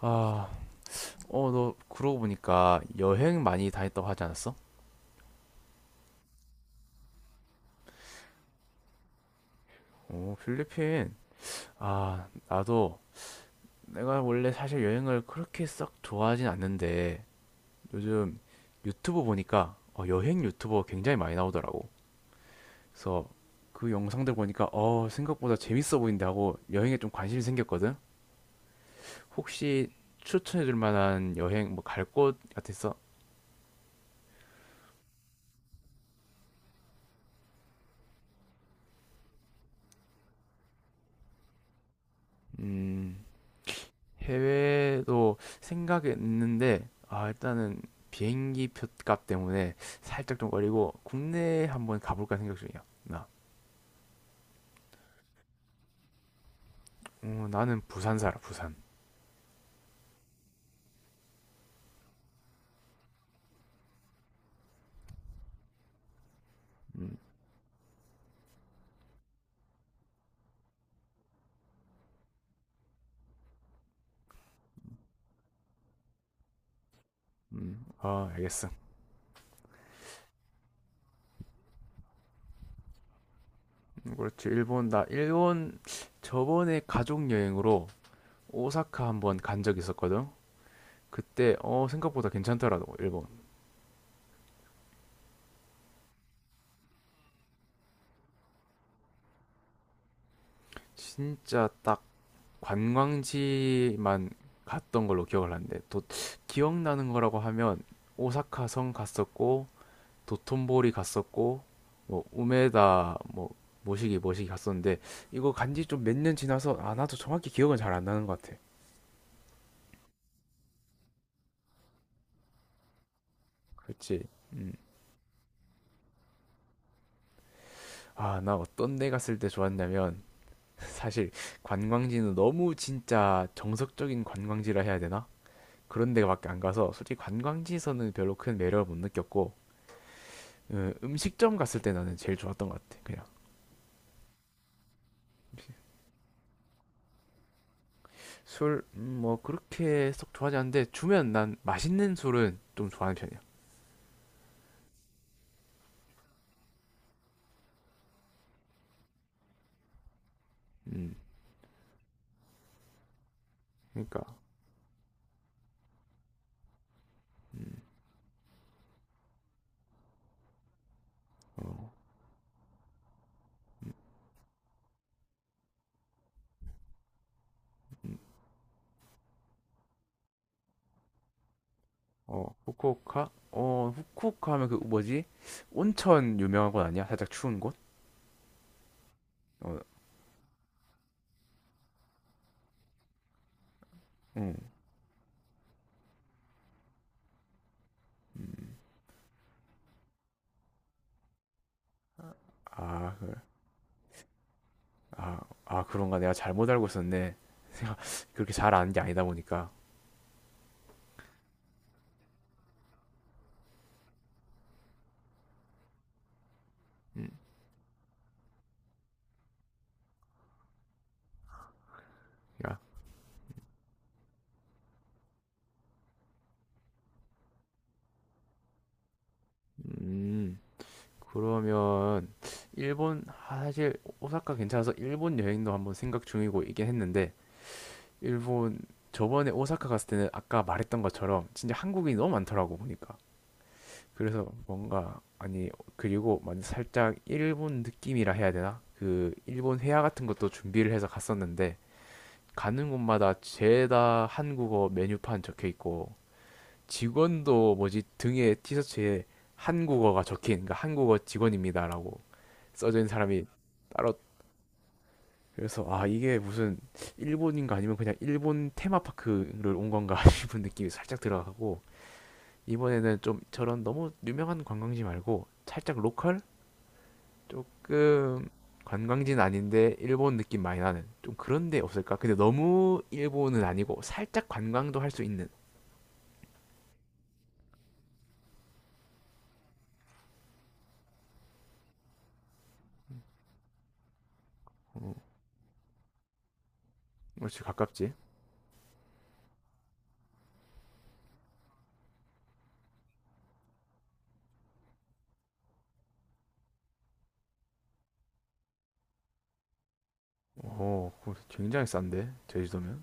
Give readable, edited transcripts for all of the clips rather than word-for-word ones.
아, 너 그러고 보니까 여행 많이 다녔다고 하지 않았어? 오, 필리핀. 나도 내가 원래 사실 여행을 그렇게 썩 좋아하진 않는데 요즘 유튜브 보니까 여행 유튜버 굉장히 많이 나오더라고. 그래서 그 영상들 보니까 생각보다 재밌어 보인다 하고 여행에 좀 관심이 생겼거든. 혹시 추천해 줄 만한 여행 뭐 갈 곳 같았어? 음, 해외도 생각이 있는데, 일단은 비행기 표값 때문에 살짝 좀 걸리고, 국내에 한번 가볼까 생각 중이야, 나. 어, 나는 부산 살아, 부산. 음, 아, 알겠어. 그렇지, 일본, 일본 저번에 가족 여행으로 오사카 한번 간 적 있었거든? 그때, 생각보다 괜찮더라고, 일본. 진짜 딱 관광지만 갔던 걸로 기억을 하는데 기억나는 거라고 하면 오사카 성 갔었고 도톤보리 갔었고 뭐 우메다 뭐 모시기 갔었는데 이거 간지 좀 몇 년 지나서 아 나도 정확히 기억은 잘 안 나는 것 같아. 그렇지. 음. 아, 나 어떤 데 갔을 때 좋았냐면 사실 관광지는 너무 진짜 정석적인 관광지라 해야 되나? 그런 데밖에 안 가서 솔직히 관광지에서는 별로 큰 매력을 못 느꼈고 어, 음식점 갔을 때 나는 제일 좋았던 것 같아, 그냥. 술 뭐 그렇게 썩 좋아하지 않는데 주면 난 맛있는 술은 좀 좋아하는 편이야. 음, 그러니까 음, 어, 어 후쿠오카 후쿠오카 하면 그 뭐지 온천 유명한 곳 아니야? 살짝 추운 곳? 어, 응, 음, 아, 아, 아 그런가? 내가 잘못 알고 있었네. 내가 그렇게 잘 아는 게 아니다 보니까. 음, 야, 음. 그러면 일본 사실 오사카 괜찮아서 일본 여행도 한번 생각 중이고 이긴 했는데 일본 저번에 오사카 갔을 때는 아까 말했던 것처럼 진짜 한국인이 너무 많더라고 보니까 그래서 뭔가 아니 그리고 만 살짝 일본 느낌이라 해야 되나 그 일본 회화 같은 것도 준비를 해서 갔었는데 가는 곳마다 죄다 한국어 메뉴판 적혀 있고 직원도 뭐지 등에 티셔츠에 한국어가 적힌 그러니까 한국어 직원입니다라고 써져 있는 사람이 따로 그래서 아 이게 무슨 일본인가 아니면 그냥 일본 테마파크를 온 건가 싶은 느낌이 살짝 들어가고 이번에는 좀 저런 너무 유명한 관광지 말고 살짝 로컬 조금 관광지는 아닌데 일본 느낌 많이 나는 좀 그런 데 없을까? 근데 너무 일본은 아니고 살짝 관광도 할 수 있는. 어, 역시 가깝지? 어 그거 굉장히 싼데 제주도면.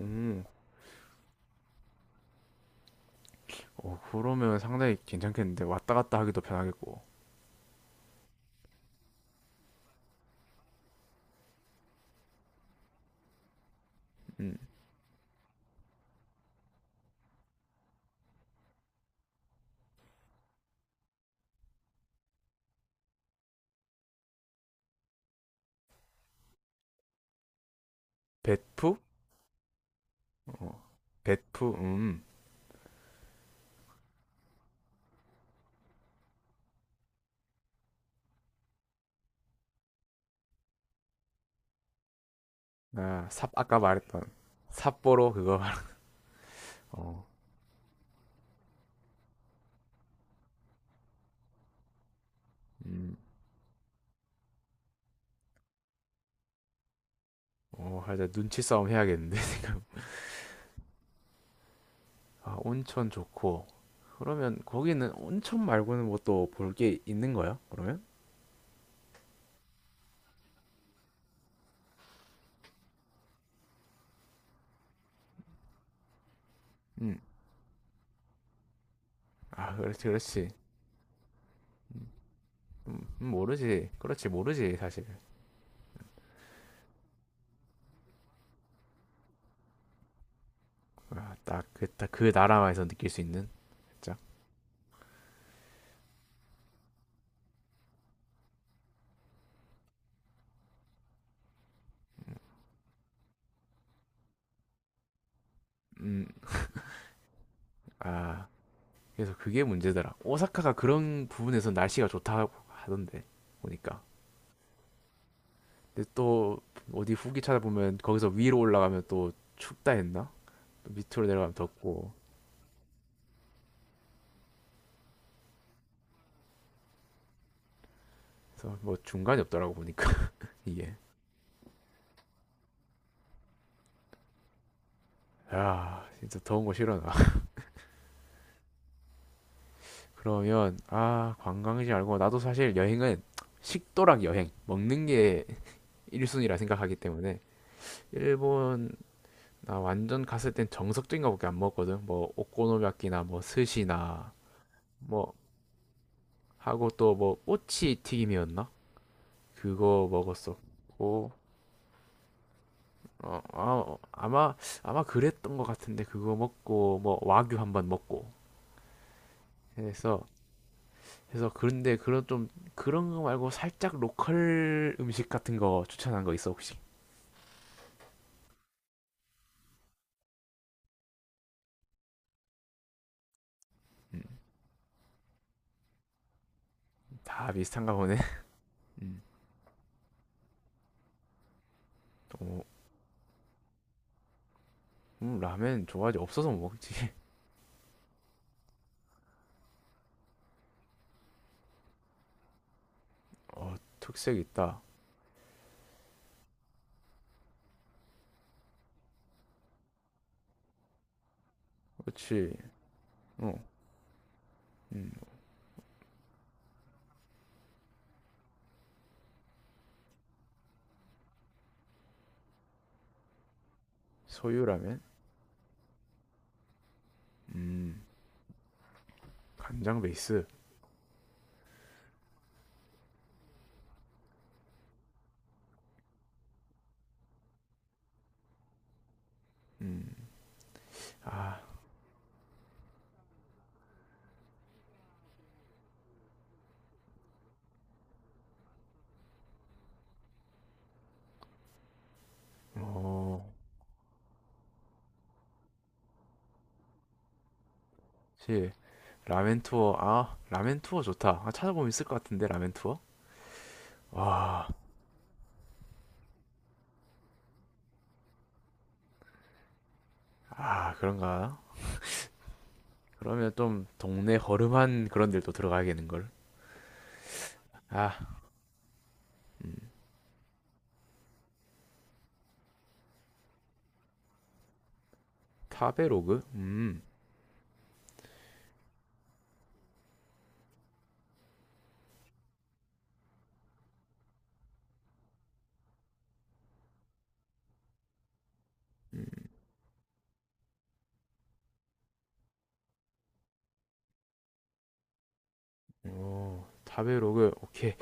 음, 어, 그러면 상당히 괜찮겠는데 왔다 갔다 하기도 편하겠고. 음. 베프? 어, 베프, 아까 말했던 삿포로 그거 말, 어, 음, 어, 하자 눈치 싸움 해야겠는데 지금. 아, 온천 좋고. 그러면 거기는 온천 말고는 뭐 또 볼 게 있는 거야? 그러면? 음, 아, 그렇지, 그렇지. 모르지, 그렇지, 모르지 사실. 아, 딱 딱 그 나라만에서 느낄 수 있는, 진짜. 음, 아, 그래서 그게 문제더라. 오사카가 그런 부분에서 날씨가 좋다고 하던데 보니까. 근데 또 어디 후기 찾아보면 거기서 위로 올라가면 또 춥다 했나? 또 밑으로 내려가면 덥고 그래서 뭐 중간이 없더라고 보니까 이게. 야 진짜 더운 거 싫어 나. 그러면 아 관광지 말고 나도 사실 여행은 식도락 여행 먹는 게 1순위라 생각하기 때문에 일본 나 완전 갔을 땐 정석적인 거밖에 안 먹었거든 뭐 오코노미야끼나 뭐 스시나 뭐 하고 또 뭐 꼬치 튀김이었나? 그거 먹었었고 어, 아, 아마 그랬던 것 같은데 그거 먹고 뭐 와규 한번 먹고 해서 그런데 그런 거 말고 살짝 로컬 음식 같은 거 추천한 거 있어 혹시? 음, 다 비슷한가 보네. 음, 어, 라면 좋아하지 없어서 못 먹지. 어, 특색 있다. 그렇지. 어, 음, 소유 라면. 음, 간장 베이스. 음, 아, 어, 그렇지. 라멘 투어. 아, 라멘 투어 좋다. 아, 찾아보면 있을 것 같은데 라멘 투어. 와, 아, 그런가? 그러면 좀 동네 허름한 그런 데도 들어가야겠는걸? 아, 타베로그? 오, 타베로그, 오케이.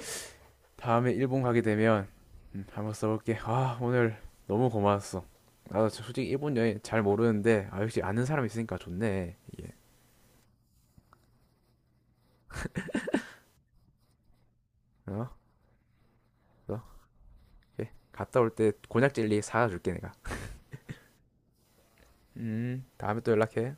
다음에 일본 가게 되면, 한번 써볼게. 아, 오늘 너무 고마웠어. 나도 솔직히 일본 여행 잘 모르는데, 아, 역시 아는 사람 있으니까 좋네. 예. 어? 어? 오케이. 갔다 올 때 곤약 젤리 사다 줄게, 내가. 다음에 또 연락해.